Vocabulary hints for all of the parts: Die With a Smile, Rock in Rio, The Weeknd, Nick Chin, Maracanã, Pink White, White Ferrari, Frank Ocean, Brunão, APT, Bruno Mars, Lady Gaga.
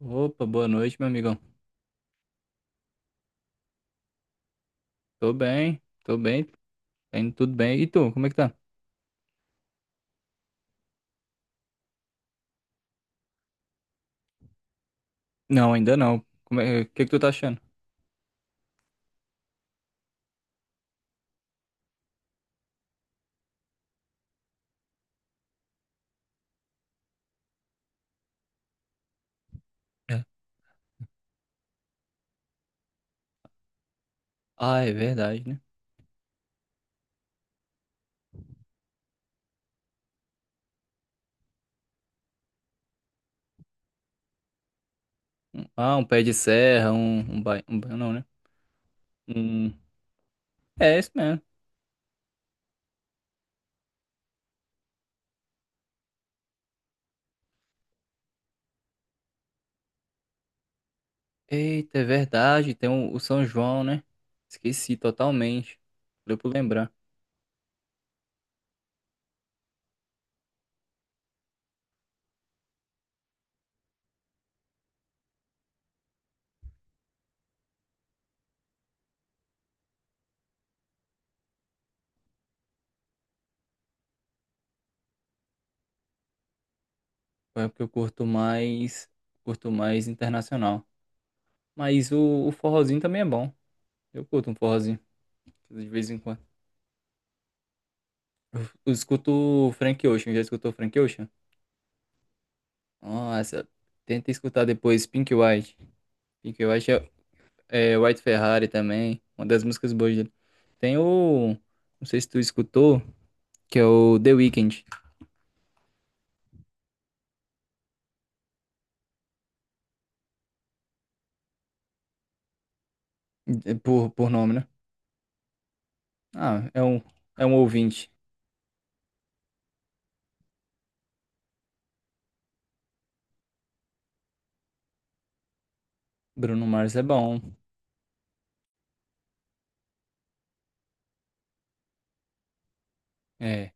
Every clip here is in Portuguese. Opa, boa noite, meu amigão. Tô bem, tá indo tudo bem. E tu, como é que tá? Não, ainda não. Como é, o que que tu tá achando? É. Ah, é verdade, né? Um pé de serra, um bairro, um bairro não, né? Um... É, isso mesmo. Eita, é verdade, tem o São João, né? Esqueci totalmente. Deu pra lembrar. É porque eu curto mais internacional. Mas o forrozinho também é bom. Eu curto um forrozinho, de vez em quando. Eu escuto Frank Ocean, já escutou Frank Ocean? Nossa, tenta escutar depois Pink White. Pink White é White Ferrari também, uma das músicas boas dele. Tem o, não sei se tu escutou, que é o The Weeknd, por nome, né? Ah, é um ouvinte. Bruno Mars é bom. É,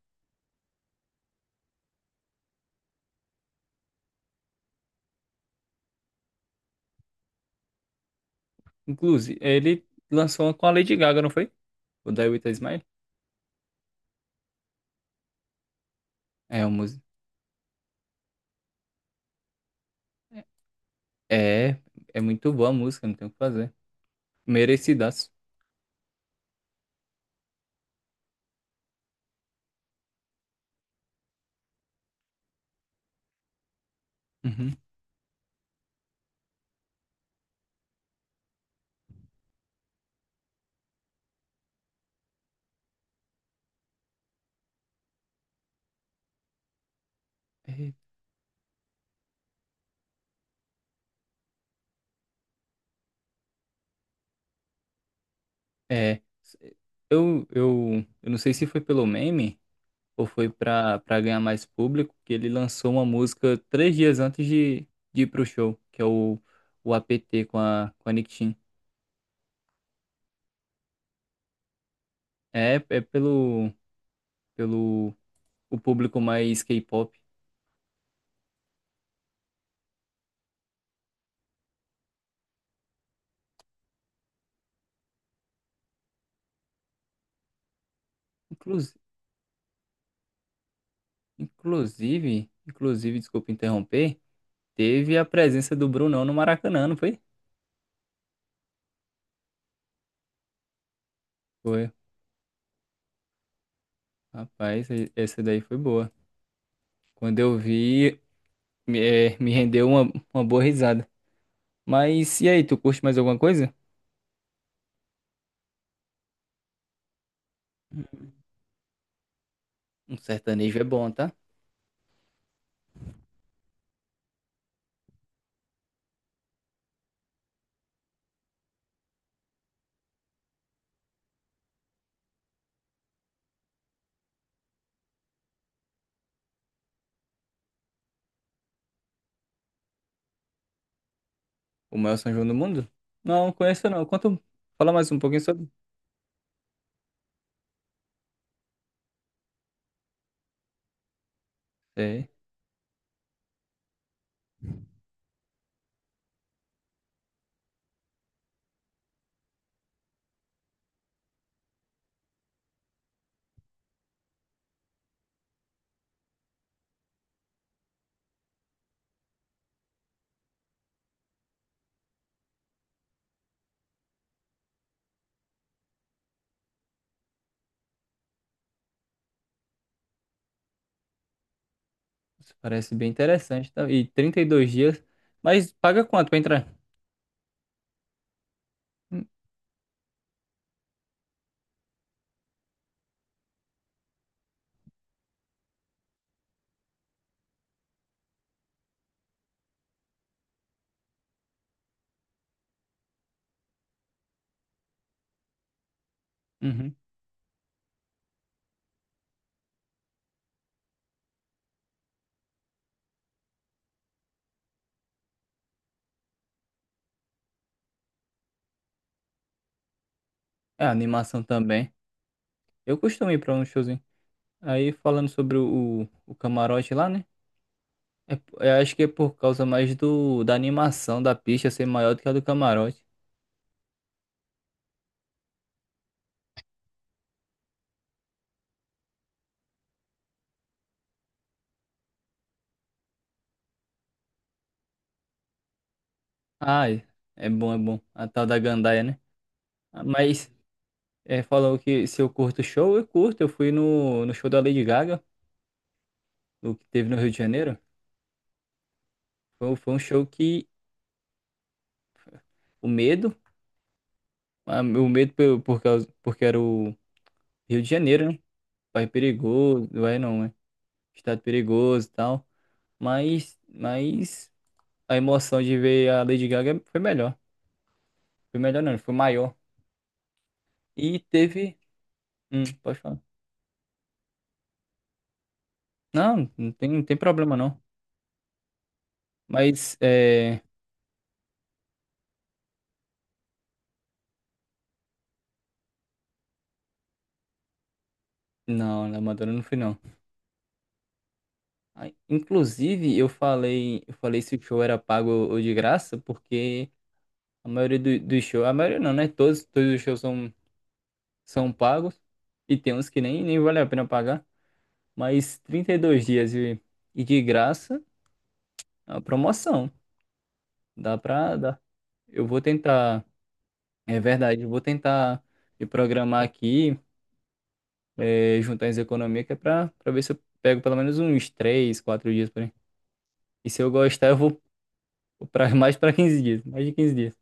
inclusive, ele lançou uma com a Lady Gaga, não foi? O Die With a Smile? É, uma música. É, é muito boa a música, não tem o que fazer. Merecidaço. Uhum. É, é, eu não sei se foi pelo meme, ou foi pra para ganhar mais público, que ele lançou uma música 3 dias antes de ir pro show, que é o APT com a Nick Chin. É, pelo o público mais K-pop. Inclus- inclusive, desculpa interromper, teve a presença do Brunão no Maracanã, não foi? Foi. Rapaz, essa daí foi boa. Quando eu vi, me rendeu uma boa risada. Mas e aí, tu curte mais alguma coisa? Um sertanejo é bom, tá? O maior São João do mundo? Não, conheço não. Quanto... Fala mais um pouquinho sobre. É, isso parece bem interessante. Tá? E 32 dias. Mas paga quanto pra entrar? Hum. Uhum. É, animação também. Eu costumo ir pra um showzinho. Aí falando sobre o camarote lá, né? É, eu acho que é por causa mais do da animação da pista ser maior do que a do camarote. Ah, é bom, é bom. A tal da gandaia, né? Ah, mas é, falou que se eu curto show, eu curto. Eu fui no show da Lady Gaga, o que teve no Rio de Janeiro. Foi um show que o medo, o medo por causa, porque era o Rio de Janeiro, né? Bairro perigoso, vai não, né? Estado perigoso e tal. Mas a emoção de ver a Lady Gaga foi melhor. Foi melhor não, foi maior. E teve. Pode falar. Não, não tem problema não. Mas é. Não, na Madonna não fui não. Ah, inclusive, eu falei se o show era pago ou de graça, porque a maioria dos shows, a maioria não, né? Todos os shows são pagos e tem uns que nem vale a pena pagar, mas 32 dias e de graça, é uma promoção. Dá pra dar. Eu vou tentar, é verdade, eu vou tentar me programar aqui, é, juntar as economias, que é pra ver se eu pego pelo menos uns 3, 4 dias por aí. E se eu gostar, eu vou pra, mais pra 15 dias, mais de 15 dias.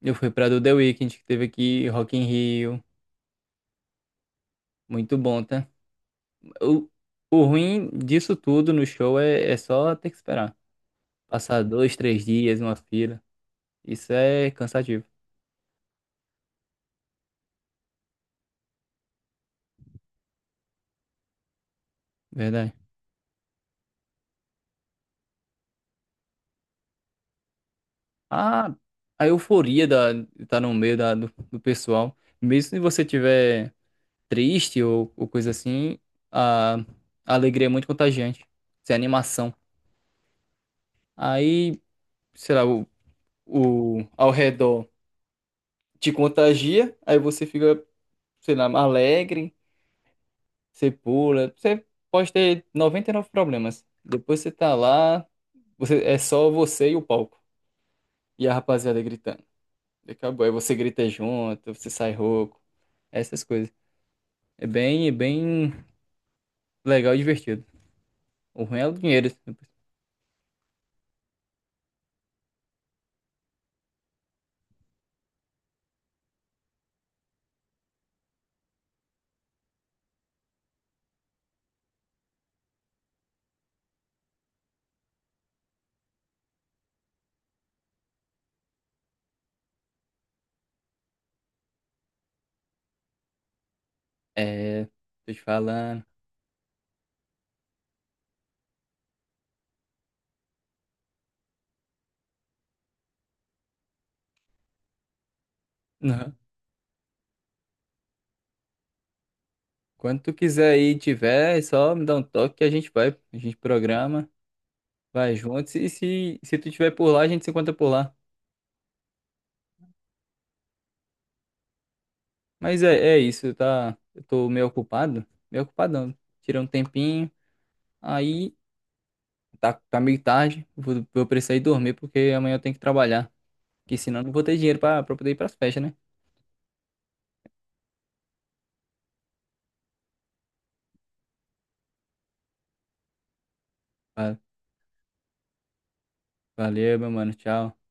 Eu fui pra do The Weeknd, que teve aqui Rock in Rio, muito bom, tá? O, o ruim disso tudo no show é só ter que esperar. Passar 2, 3 dias numa fila. Isso é cansativo. Verdade. A, a euforia da, de tá no meio da, do pessoal. Mesmo se você tiver triste ou coisa assim, a alegria é muito contagiante. Isso é animação. Aí, sei lá, ao redor te contagia, aí você fica, sei lá, alegre, você pula. Você pode ter 99 problemas. Depois você tá lá, você, é só você e o palco. E a rapaziada gritando. E acabou. Aí você grita junto, você sai rouco, essas coisas. É bem legal e divertido. O ruim é o dinheiro. É, tô te falando. Não. Quando tu quiser ir e tiver, é só me dá um toque que a gente vai. A gente programa, vai junto. E se tu tiver por lá, a gente se encontra por lá. Mas é isso, tá? Eu tô meio ocupado. Meio ocupadão. Tirei um tempinho. Aí tá meio tarde. Vou precisar ir dormir porque amanhã eu tenho que trabalhar. Que senão eu não vou ter dinheiro pra poder ir pras festas, né? Va- Valeu, meu mano. Tchau.